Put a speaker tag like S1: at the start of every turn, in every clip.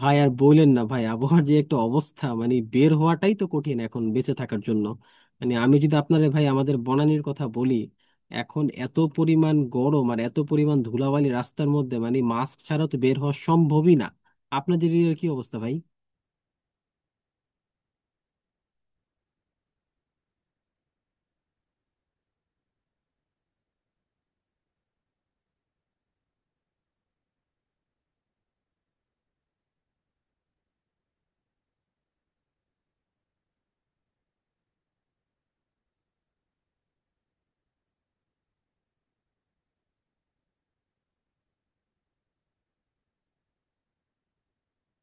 S1: ভাই আর বললেন না ভাই, আবহাওয়ার যে একটা অবস্থা, মানে বের হওয়াটাই তো কঠিন এখন বেঁচে থাকার জন্য। মানে আমি যদি আপনারে ভাই আমাদের বনানীর কথা বলি, এখন এত পরিমাণ গরম আর এত পরিমাণ ধুলাবালি রাস্তার মধ্যে, মানে মাস্ক ছাড়া তো বের হওয়া সম্ভবই না। আপনাদের এরিয়ার কি অবস্থা ভাই?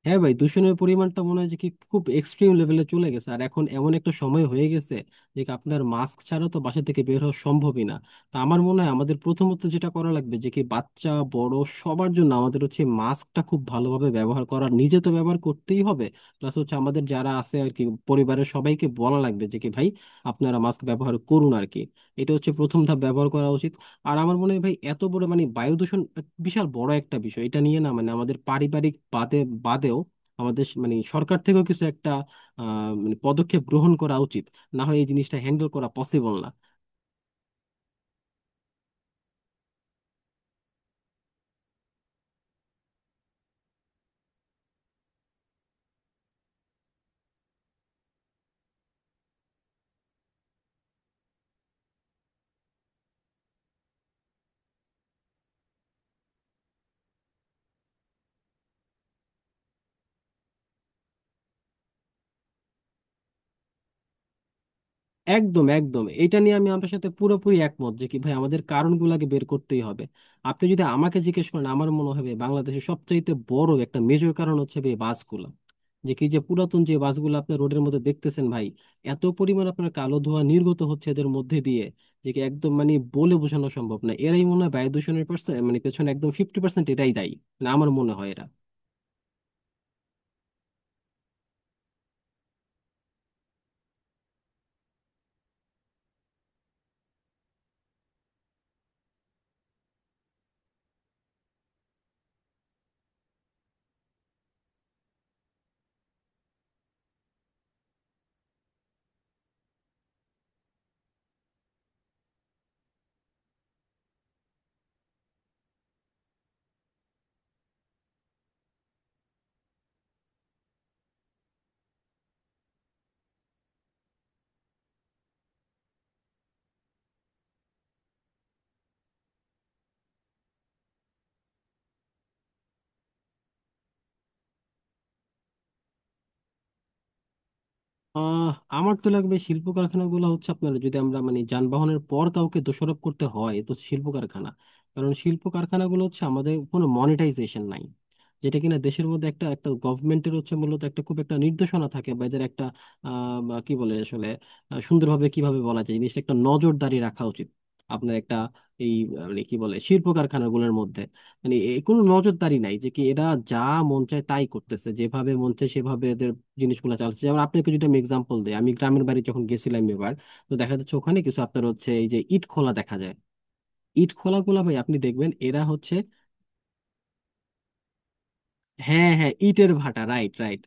S1: হ্যাঁ ভাই, দূষণের পরিমাণটা মনে হয় যে কি খুব এক্সট্রিম লেভেলে চলে গেছে, আর এখন এমন একটা সময় হয়ে গেছে যে কি আপনার মাস্ক ছাড়া তো বাসা থেকে বের হওয়া সম্ভবই না। তো আমার মনে হয় আমাদের প্রথমত যেটা করা লাগবে যে কি বাচ্চা বড় সবার জন্য আমাদের হচ্ছে মাস্কটা খুব ভালোভাবে ব্যবহার করা, নিজে তো ব্যবহার করতেই হবে। প্লাস হচ্ছে আমাদের যারা আছে আর কি, পরিবারের সবাইকে বলা লাগবে যে কি ভাই আপনারা মাস্ক ব্যবহার করুন আর কি। এটা হচ্ছে প্রথম ধাপ, ব্যবহার করা উচিত। আর আমার মনে হয় ভাই এত বড় মানে বায়ু দূষণ বিশাল বড় একটা বিষয়, এটা নিয়ে না মানে আমাদের পারিবারিক বাদেও আমাদের মানে সরকার থেকেও কিছু একটা মানে পদক্ষেপ গ্রহণ করা উচিত, না হয় এই জিনিসটা হ্যান্ডেল করা পসিবল না। একদম একদম, এটা নিয়ে আমি আপনার সাথে পুরোপুরি একমত যে কি ভাই আমাদের কারণগুলোকে বের করতেই হবে। আপনি যদি আমাকে জিজ্ঞেস করেন, আমার মনে হবে বাংলাদেশের সবচাইতে বড় একটা মেজর কারণ হচ্ছে ভাই বাসগুলো, যে কি যে পুরাতন যে বাসগুলো আপনি রোডের মধ্যে দেখতেছেন ভাই, এত পরিমাণ আপনার কালো ধোঁয়া নির্গত হচ্ছে এদের মধ্যে দিয়ে যে কি একদম মানে বলে বোঝানো সম্ভব না। এরাই মনে হয় বায়ু দূষণের পার্সেন্ট মানে পেছনে একদম 50% এরাই দায়ী, মানে আমার মনে হয় এরা। আহ আমার তো লাগবে, শিল্প কারখানাগুলো হচ্ছে আপনার, যদি আমরা মানে যানবাহনের পর কাউকে দোষারোপ করতে হয় তো শিল্প কারখানা। কারণ শিল্প কারখানাগুলো হচ্ছে আমাদের কোনো মনিটাইজেশন নাই, যেটা কিনা দেশের মধ্যে একটা একটা গভর্নমেন্টের হচ্ছে মূলত একটা খুব একটা নির্দেশনা থাকে বা এদের একটা বা কি বলে আসলে, সুন্দরভাবে কিভাবে বলা যায়, জিনিসটা একটা নজরদারি রাখা উচিত আপনার একটা এই মানে কি বলে শিল্প কারখানাগুলোর মধ্যে মানে কোনো নজরদারি নাই যে কি এরা যা মন চায় তাই করতেছে, যেভাবে মন চায় সেভাবে জিনিসগুলো চালাচ্ছে। যেমন আপনাকে যদি আমি এক্সাম্পল দিই, আমি গ্রামের বাড়ি যখন গেছিলাম এবার, তো দেখা যাচ্ছে ওখানে কিছু আপনার হচ্ছে, এই যে ইট খোলা দেখা যায়, ইট খোলা গুলা ভাই আপনি দেখবেন এরা হচ্ছে। হ্যাঁ হ্যাঁ, ইটের ভাটা, রাইট রাইট।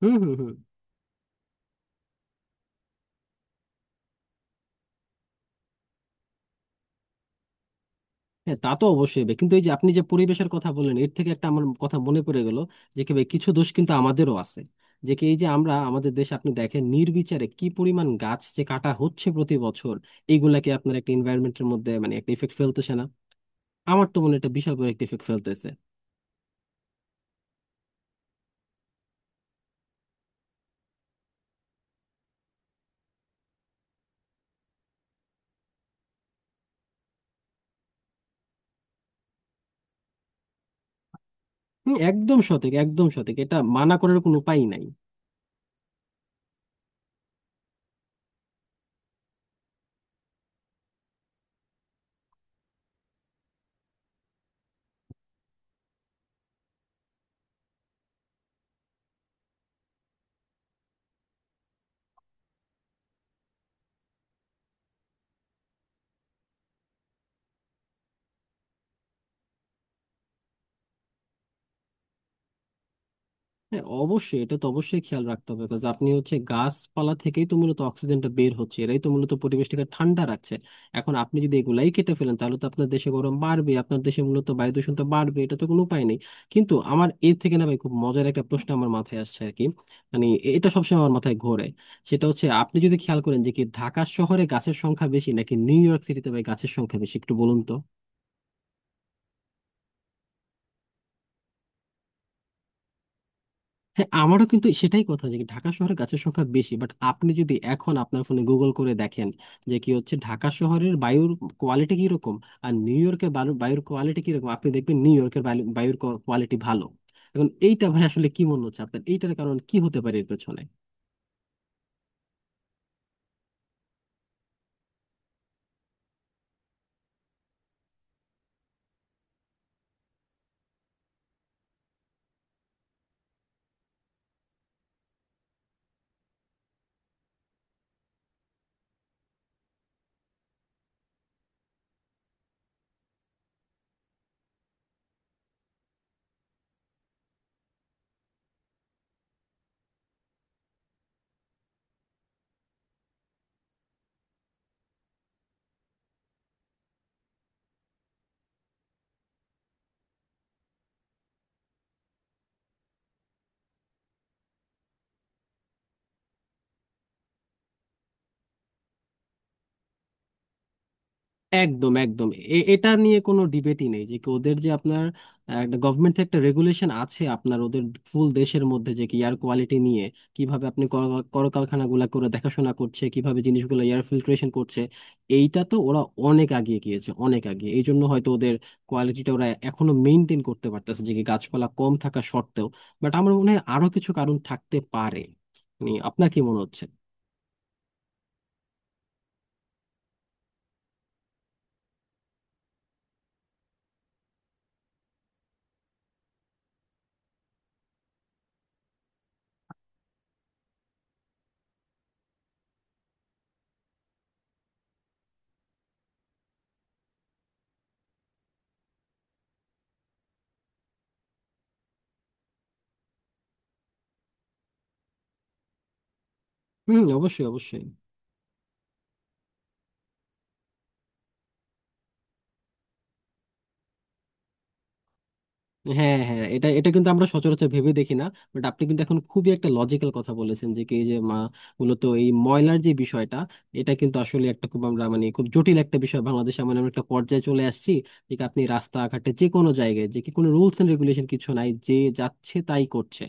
S1: হুম হুম হুম। হ্যাঁ তা তো অবশ্যই হবে। কিন্তু এই যে আপনি যে পরিবেশের কথা বললেন, এর থেকে একটা আমার কথা মনে পড়ে গেল যে কি ভাই কিছু দোষ কিন্তু আমাদেরও আছে। যে কি এই যে আমরা আমাদের দেশে আপনি দেখেন নির্বিচারে কি পরিমাণ গাছ যে কাটা হচ্ছে প্রতি বছর, এগুলাকে আপনার একটা এনভায়রনমেন্টের মধ্যে মানে একটা ইফেক্ট ফেলতেছে না? আমার তো মনে হয় এটা বিশাল বড় একটা ইফেক্ট ফেলতেছে। হুম, একদম সঠিক একদম সঠিক, এটা মানা করার কোনো উপায় নাই। হ্যাঁ অবশ্যই, এটা তো অবশ্যই খেয়াল রাখতে হবে, বিকজ আপনি হচ্ছে গাছপালা থেকেই তো মূলত অক্সিজেনটা বের হচ্ছে, এরাই তো মূলত পরিবেশটাকে ঠান্ডা রাখছে। এখন আপনি যদি এগুলাই কেটে ফেলেন তাহলে তো আপনার দেশে গরম বাড়বে, আপনার দেশে মূলত বায়ু দূষণ তো বাড়বে, এটা তো কোনো উপায় নেই। কিন্তু আমার এর থেকে না ভাই খুব মজার একটা প্রশ্ন আমার মাথায় আসছে আর কি, মানে এটা সবসময় আমার মাথায় ঘোরে। সেটা হচ্ছে আপনি যদি খেয়াল করেন যে কি ঢাকা শহরে গাছের সংখ্যা বেশি নাকি নিউ ইয়র্ক সিটিতে ভাই গাছের সংখ্যা বেশি, একটু বলুন তো? হ্যাঁ আমারও কিন্তু সেটাই কথা যে ঢাকা শহরে গাছের সংখ্যা বেশি, বাট আপনি যদি এখন আপনার ফোনে গুগল করে দেখেন যে কি হচ্ছে ঢাকা শহরের বায়ুর কোয়ালিটি কিরকম আর নিউ ইয়র্কের বায়ুর কোয়ালিটি কিরকম, আপনি দেখবেন নিউ ইয়র্কের বায়ুর কোয়ালিটি ভালো। এখন এইটা ভাই আসলে কি মনে হচ্ছে আপনার, এইটার কারণ কি হতে পারে এর পেছনে? একদম একদম। এটা নিয়ে কোনো ডিবেটই নেই যে কি ওদের যে আপনার একটা গভর্নমেন্ট থেকে একটা রেগুলেশন আছে আপনার ওদের ফুল দেশের মধ্যে যে কি এয়ার কোয়ালিটি নিয়ে কিভাবে আপনি কলকারখানাগুলা করে দেখাশোনা করছে, কিভাবে জিনিসগুলো এয়ার ফিল্ট্রেশন করছে। এইটা তো ওরা অনেক আগিয়ে গিয়েছে অনেক আগে, এই জন্য হয়তো ওদের কোয়ালিটিটা ওরা এখনো মেনটেন করতে পারতেছে যে কি গাছপালা কম থাকা সত্ত্বেও। বাট আমার মনে হয় আরো কিছু কারণ থাকতে পারে, মানে আপনার কি মনে হচ্ছে? হুম অবশ্যই অবশ্যই। হ্যাঁ হ্যাঁ, এটা এটা কিন্তু আমরা সচরাচর ভেবে দেখি না। বাট আপনি কিন্তু এখন খুবই একটা লজিক্যাল কথা বলেছেন যে কি এই যে মূলত এই ময়লার যে বিষয়টা, এটা কিন্তু আসলে একটা খুব আমরা মানে খুব জটিল একটা বিষয়। বাংলাদেশে এমন এমন একটা পর্যায়ে চলে আসছি যে কি আপনি রাস্তাঘাটে যে কোনো জায়গায় যে কি কোনো রুলস এন্ড রেগুলেশন কিছু নাই, যে যাচ্ছে তাই করছে।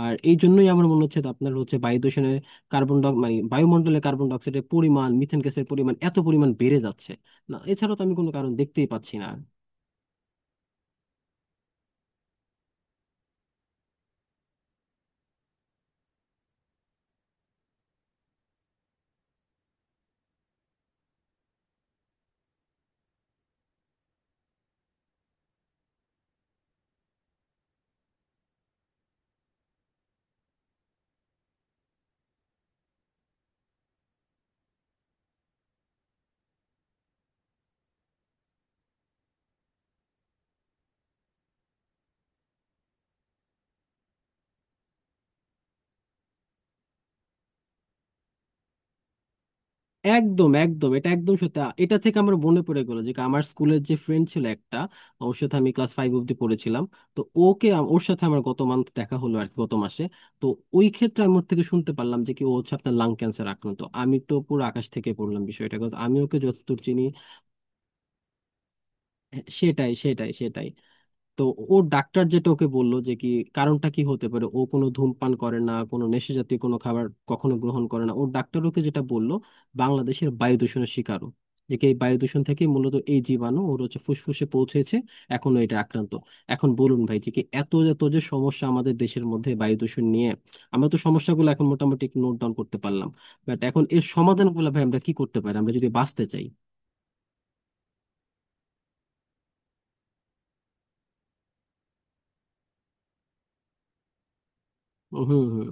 S1: আর এই জন্যই আমার মনে হচ্ছে আপনার হচ্ছে বায়ু দূষণের কার্বন ডাই মানে বায়ুমণ্ডলে কার্বন ডাইঅক্সাইডের পরিমাণ, মিথেন গ্যাসের পরিমাণ এত পরিমাণ বেড়ে যাচ্ছে, না এছাড়া তো আমি কোনো কারণ দেখতেই পাচ্ছি না। একদম একদম, এটা একদম সত্যি। এটা থেকে আমার মনে পড়ে গেল যে আমার স্কুলের যে ফ্রেন্ড ছিল একটা, ওর সাথে আমি ক্লাস 5 অব্দি পড়েছিলাম। তো ওর সাথে আমার গত মান্থ দেখা হলো আর কি, গত মাসে। তো ওই ক্ষেত্রে আমি ওর থেকে শুনতে পারলাম যে কি ও হচ্ছে আপনার লাং ক্যান্সার আক্রান্ত। আমি তো পুরো আকাশ থেকে পড়লাম বিষয়টা, 'cause আমি ওকে যতদূর চিনি। হ্যাঁ, সেটাই সেটাই সেটাই। তো ওর ডাক্তার যেটা ওকে বললো যে কি কারণটা কি হতে পারে, ও কোনো ধূমপান করে না, কোনো নেশাজাতীয় কোনো খাবার কখনো গ্রহণ করে না। ওর ডাক্তার ওকে যেটা বললো, বাংলাদেশের বায়ু দূষণের শিকারও, যে কি এই বায়ু দূষণ থেকে মূলত এই জীবাণু ওর হচ্ছে ফুসফুসে পৌঁছেছে, এখনো এটা আক্রান্ত। এখন বলুন ভাই যে কি এত এত যে সমস্যা আমাদের দেশের মধ্যে বায়ু দূষণ নিয়ে, আমরা তো সমস্যাগুলো এখন মোটামুটি নোট ডাউন করতে পারলাম, বাট এখন এর সমাধানগুলো ভাই আমরা কি করতে পারি আমরা যদি বাঁচতে চাই? হুম হুম হুম।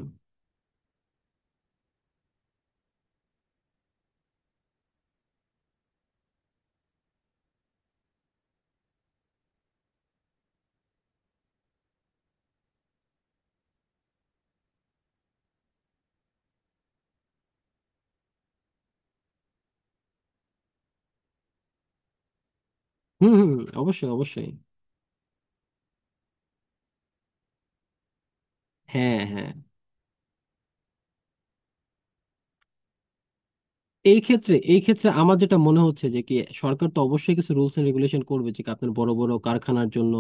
S1: হুম হুম, অবশ্যই অবশ্যই। হ্যাঁ হ্যাঁ। এই ক্ষেত্রে এই ক্ষেত্রে আমার যেটা মনে হচ্ছে যে কি সরকার তো অবশ্যই কিছু রুলস এন্ড রেগুলেশন করবে যে কি আপনার বড় বড় কারখানার জন্য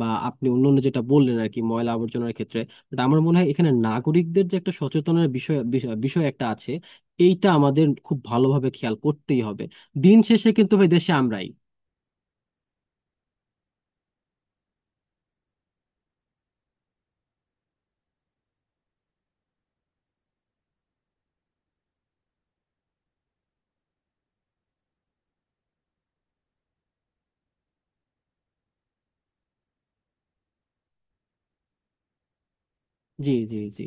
S1: বা আপনি অন্যান্য যেটা বললেন আর কি ময়লা আবর্জনার ক্ষেত্রে। বাট আমার মনে হয় এখানে নাগরিকদের যে একটা সচেতনের বিষয় বিষয় বিষয় একটা আছে, এইটা আমাদের খুব ভালোভাবে খেয়াল করতেই হবে। দিন শেষে কিন্তু ভাই দেশে আমরাই। জি জি জি।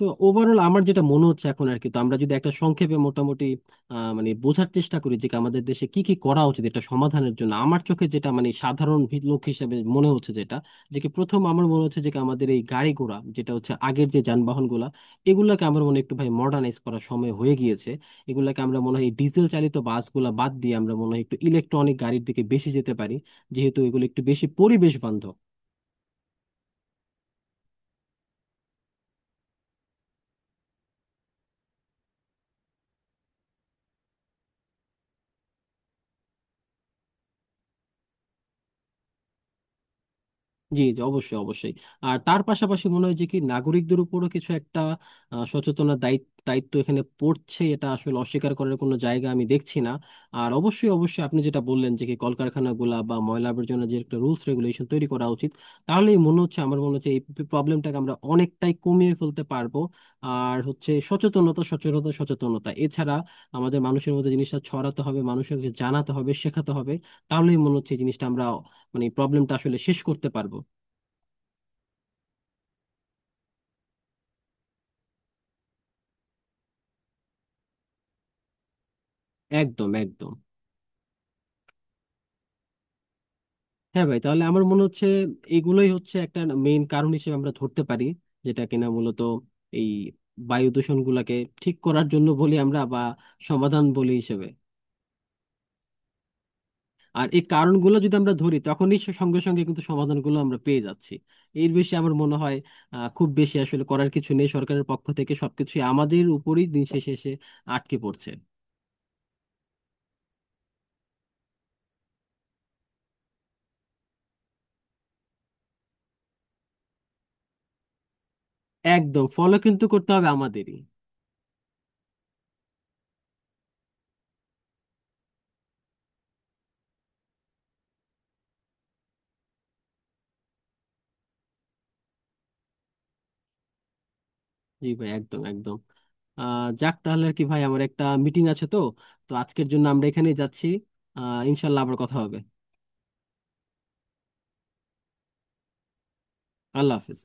S1: তো ওভারঅল আমার যেটা মনে হচ্ছে এখন আর কি, তো আমরা যদি একটা সংক্ষেপে মোটামুটি মানে বোঝার চেষ্টা করি যে কি আমাদের দেশে কি কি করা উচিত এটা সমাধানের জন্য, আমার চোখে যেটা মানে সাধারণ লোক হিসেবে মনে হচ্ছে যেটা, যে কি প্রথম আমার মনে হচ্ছে যে কি আমাদের এই গাড়ি ঘোড়া যেটা হচ্ছে আগের যে যানবাহন গুলা, এগুলাকে আমার মনে হয় একটু ভাই মডার্নাইজ করার সময় হয়ে গিয়েছে। এগুলাকে আমরা মনে হয় ডিজেল চালিত বাসগুলা বাদ দিয়ে আমরা মনে হয় একটু ইলেকট্রনিক গাড়ির দিকে বেশি যেতে পারি, যেহেতু এগুলো একটু বেশি পরিবেশ বান্ধব। জি জি অবশ্যই অবশ্যই। আর তার পাশাপাশি মনে হয় যে কি নাগরিকদের উপরও কিছু একটা সচেতনতার দায়িত্ব দায়িত্ব এখানে পড়ছে, এটা আসলে অস্বীকার করার কোনো জায়গা আমি দেখছি না। আর অবশ্যই অবশ্যই আপনি যেটা বললেন যে কি কলকারখানাগুলা বা ময়লা আবর্জনা, যে একটা রুলস রেগুলেশন তৈরি করা উচিত, তাহলেই মনে হচ্ছে আমার মনে হচ্ছে এই প্রবলেমটাকে আমরা অনেকটাই কমিয়ে ফেলতে পারবো। আর হচ্ছে সচেতনতা সচেতনতা সচেতনতা, এছাড়া আমাদের মানুষের মধ্যে জিনিসটা ছড়াতে হবে, মানুষকে জানাতে হবে, শেখাতে হবে। তাহলেই মনে হচ্ছে এই জিনিসটা আমরা মানে প্রবলেমটা আসলে শেষ করতে পারবো। একদম একদম। হ্যাঁ ভাই, তাহলে আমার মনে হচ্ছে এগুলোই হচ্ছে একটা মেইন কারণ হিসেবে আমরা ধরতে পারি, যেটা কিনা মূলত এই বায়ু দূষণ গুলাকে ঠিক করার জন্য বলি আমরা বা সমাধান বলি হিসেবে। আর এই কারণগুলো যদি আমরা ধরি তখনই সঙ্গে সঙ্গে কিন্তু সমাধানগুলো আমরা পেয়ে যাচ্ছি। এর বেশি আমার মনে হয় খুব বেশি আসলে করার কিছু নেই, সরকারের পক্ষ থেকে সবকিছুই আমাদের উপরই দিন শেষে এসে আটকে পড়ছে। একদম ফলো কিন্তু করতে হবে আমাদেরই। জি ভাই একদম একদম। যাক, তাহলে আর কি ভাই আমার একটা মিটিং আছে তো, তো আজকের জন্য আমরা এখানেই যাচ্ছি। ইনশাল্লাহ আবার কথা হবে। আল্লাহ হাফিজ।